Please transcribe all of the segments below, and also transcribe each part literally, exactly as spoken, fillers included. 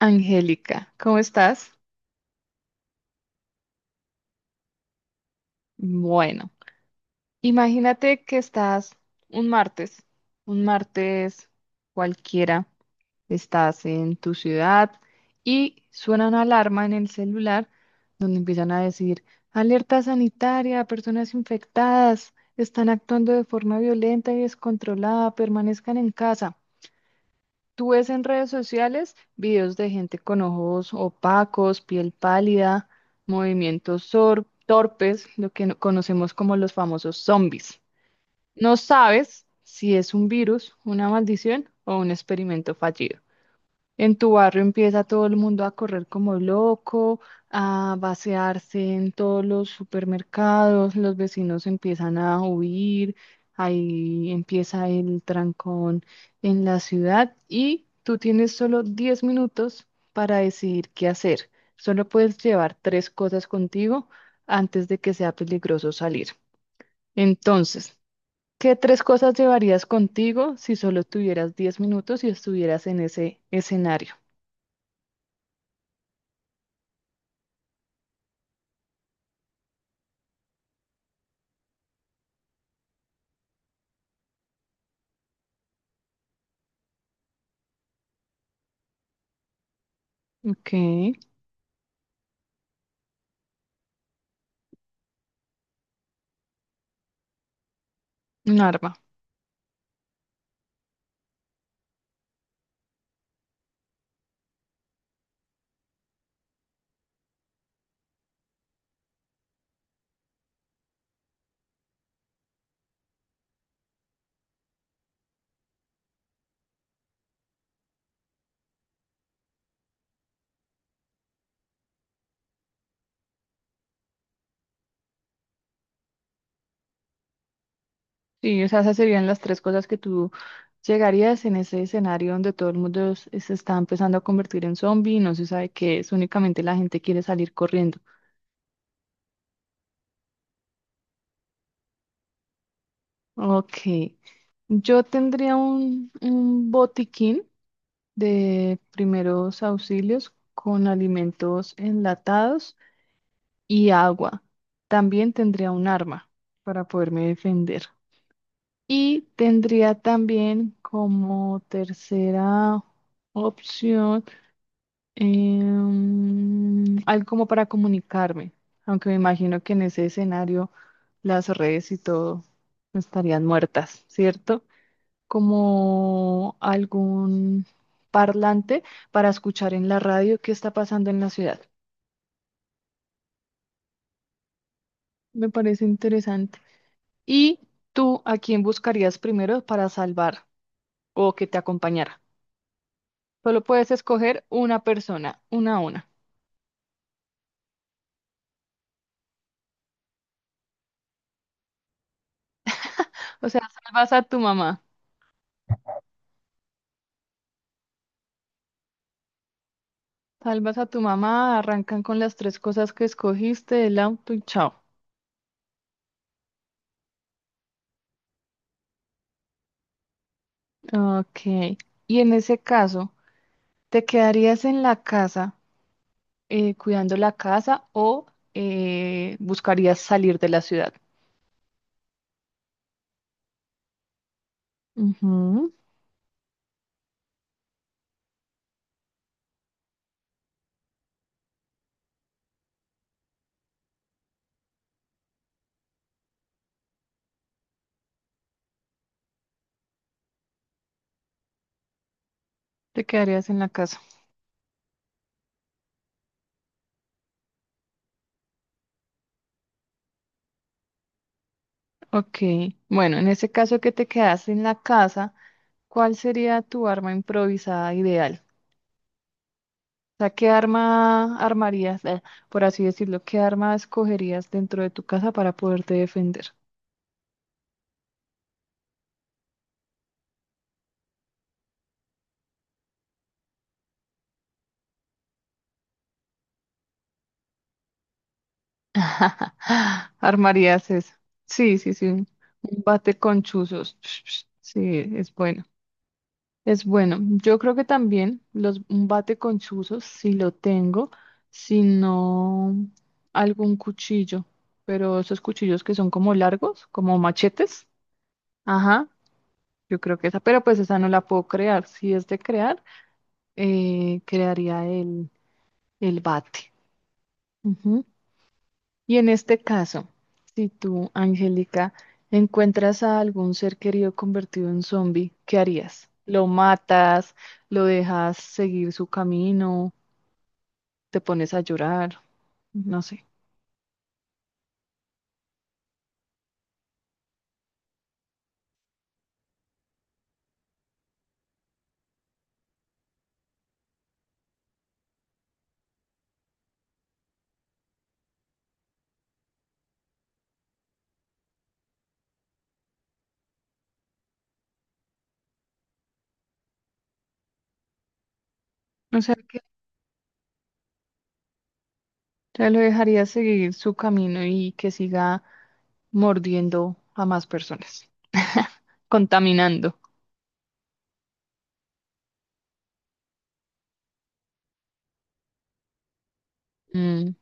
Angélica, ¿cómo estás? Bueno, imagínate que estás un martes, un martes cualquiera, estás en tu ciudad y suena una alarma en el celular donde empiezan a decir, alerta sanitaria, personas infectadas, están actuando de forma violenta y descontrolada, permanezcan en casa. Tú ves en redes sociales videos de gente con ojos opacos, piel pálida, movimientos sor- torpes, lo que no- conocemos como los famosos zombies. No sabes si es un virus, una maldición o un experimento fallido. En tu barrio empieza todo el mundo a correr como loco, a vaciarse en todos los supermercados, los vecinos empiezan a huir, ahí empieza el trancón en la ciudad y tú tienes solo diez minutos para decidir qué hacer. Solo puedes llevar tres cosas contigo antes de que sea peligroso salir. Entonces, ¿qué tres cosas llevarías contigo si solo tuvieras diez minutos y estuvieras en ese escenario? Ok, un arma. Sí, o sea, esas serían las tres cosas que tú llegarías en ese escenario donde todo el mundo s- se está empezando a convertir en zombie y no se sabe qué es, únicamente la gente quiere salir corriendo. Ok, yo tendría un, un botiquín de primeros auxilios con alimentos enlatados y agua. También tendría un arma para poderme defender. Y tendría también como tercera opción em, algo como para comunicarme, aunque me imagino que en ese escenario las redes y todo estarían muertas, ¿cierto? Como algún parlante para escuchar en la radio qué está pasando en la ciudad. Me parece interesante. ¿Y tú a quién buscarías primero para salvar o que te acompañara? Solo puedes escoger una persona, una a una. O sea, salvas a tu mamá. Salvas a tu mamá, arrancan con las tres cosas que escogiste, el auto y chao. Ok. Y en ese caso, ¿te quedarías en la casa, eh, cuidando la casa o eh, buscarías salir de la ciudad? Ujú. Te quedarías en la casa. Ok. Bueno, en ese caso que te quedas en la casa, ¿cuál sería tu arma improvisada ideal? O sea, ¿qué arma armarías, eh, por así decirlo, qué arma escogerías dentro de tu casa para poderte defender? Armarías eso. Sí, sí, sí. Un un bate con chuzos. Sí, es bueno. Es bueno. Yo creo que también los, un bate con chuzos, si lo tengo, si no, algún cuchillo. Pero esos cuchillos que son como largos, como machetes. Ajá, yo creo que esa, pero pues esa no la puedo crear. Si es de crear. Eh, crearía el, el bate. Ujú. Y en este caso, si tú, Angélica, encuentras a algún ser querido convertido en zombie, ¿qué harías? ¿Lo matas? ¿Lo dejas seguir su camino? ¿Te pones a llorar? No sé. O sea, que ya lo dejarías seguir su camino y que siga mordiendo a más personas, contaminando. Mm.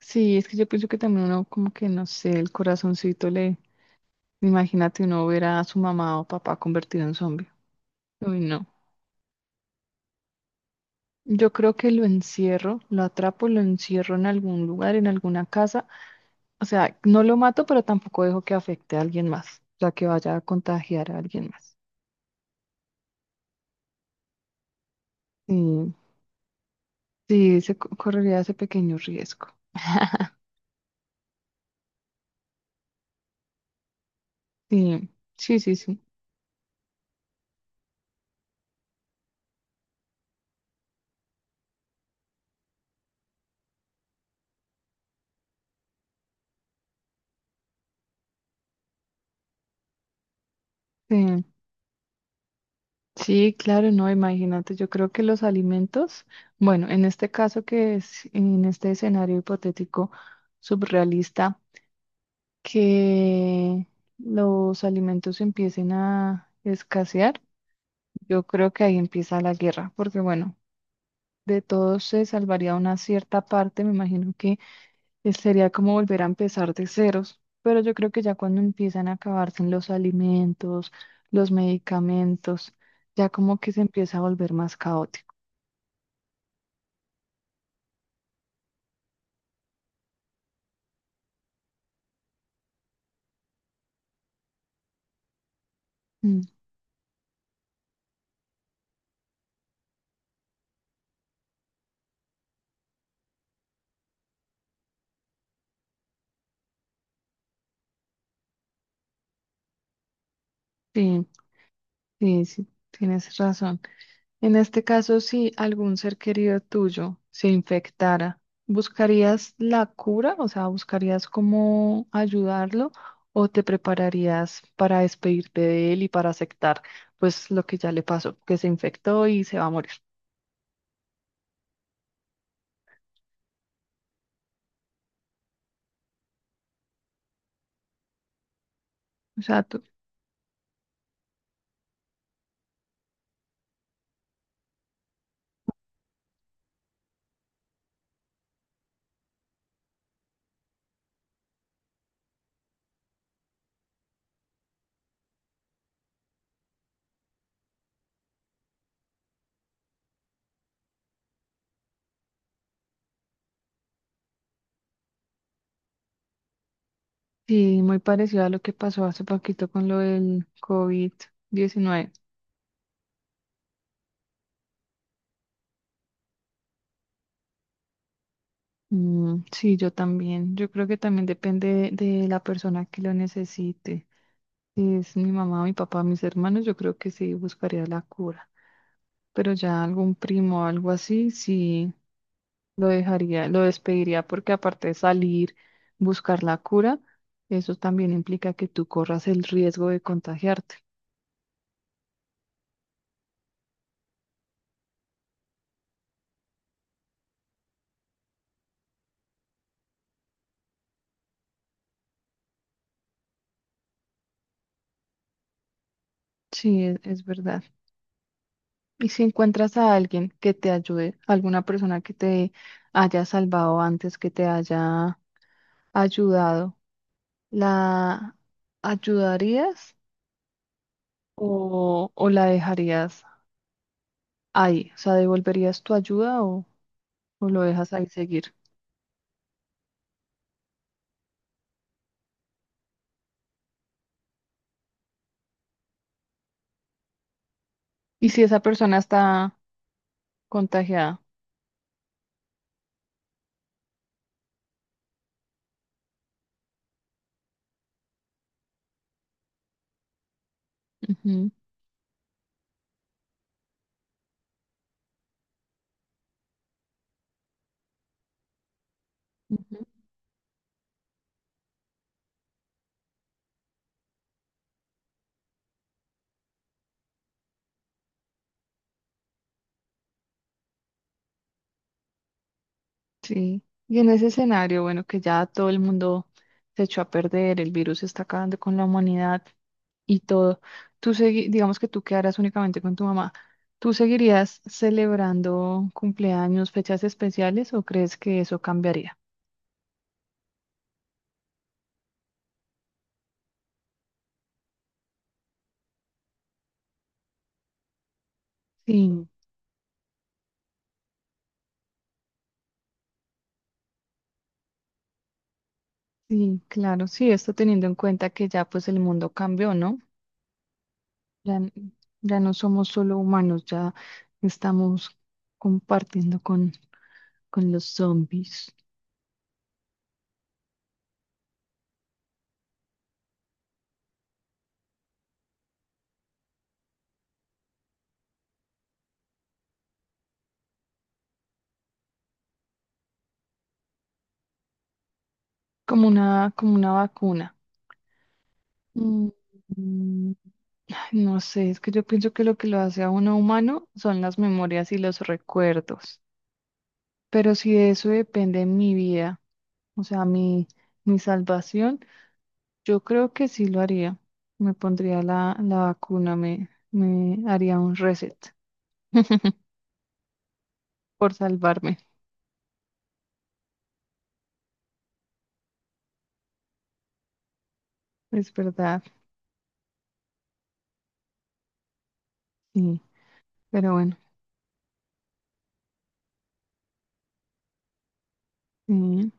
Sí, es que yo pienso que también uno como que, no sé, el corazoncito le... Imagínate uno ver a su mamá o papá convertido en zombie. Uy, no. Yo creo que lo encierro, lo atrapo, lo encierro en algún lugar, en alguna casa. O sea, no lo mato, pero tampoco dejo que afecte a alguien más, o sea, que vaya a contagiar a alguien más. Sí, sí, se co- correría ese pequeño riesgo. Sí, sí, sí, sí. Sí, sí, claro, no, imagínate, yo creo que los alimentos, bueno, en este caso que es, en este escenario hipotético surrealista. Que los alimentos empiecen a escasear, yo creo que ahí empieza la guerra, porque bueno, de todos se salvaría una cierta parte, me imagino que es- sería como volver a empezar de ceros, pero yo creo que ya cuando empiezan a acabarse los alimentos, los medicamentos, ya como que se empieza a volver más caótico. Mm. Sí, sí, sí, tienes razón. En este caso, si algún ser querido tuyo se infectara, ¿buscarías la cura? O sea, ¿buscarías cómo ayudarlo o te prepararías para despedirte de él y para aceptar pues lo que ya le pasó, que se infectó y se va a morir? O sea, tú- sí, muy parecido a lo que pasó hace poquito con lo del covid diecinueve. Mm, sí, yo también. Yo creo que también depende de de la persona que lo necesite. Es mi mamá, mi papá, mis hermanos, yo creo que sí buscaría la cura, pero ya algún primo o algo así, sí lo dejaría, lo despediría porque aparte de salir, buscar la cura, eso también implica que tú corras el riesgo de contagiarte. Sí, es, es verdad. Y si encuentras a alguien que te ayude, alguna persona que te haya salvado antes, que te haya ayudado, ¿la ayudarías o, o la dejarías ahí? O sea, ¿devolverías tu ayuda o, o lo dejas ahí seguir? ¿Y si esa persona está contagiada? Ujú, ujú. Sí. Y en ese escenario, bueno, que ya todo el mundo se echó a perder, el virus está acabando con la humanidad y todo, tú segui- digamos que tú quedarás únicamente con tu mamá. ¿Tú seguirías celebrando cumpleaños, fechas especiales o crees que eso cambiaría? Sí, sí, claro, sí, esto teniendo en cuenta que ya pues el mundo cambió, ¿no? Ya, n- ya no somos solo humanos, ya estamos compartiendo con, con los zombies, como una, como una vacuna. Mm, mm, ay, no sé, es que yo pienso que lo que lo hace a uno humano son las memorias y los recuerdos. Pero si de eso depende mi vida, o sea, mi, mi salvación, yo creo que sí lo haría. Me pondría la, la vacuna, me, me haría un reset. Por salvarme. Es verdad, sí, pero bueno, sí,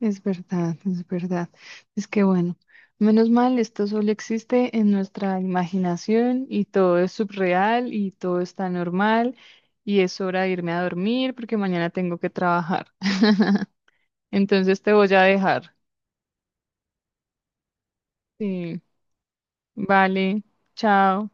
es verdad, es verdad. Es que bueno, menos mal, esto solo existe en nuestra imaginación y todo es subreal y todo está normal y es hora de irme a dormir porque mañana tengo que trabajar. Entonces te voy a dejar. Sí, vale, chao.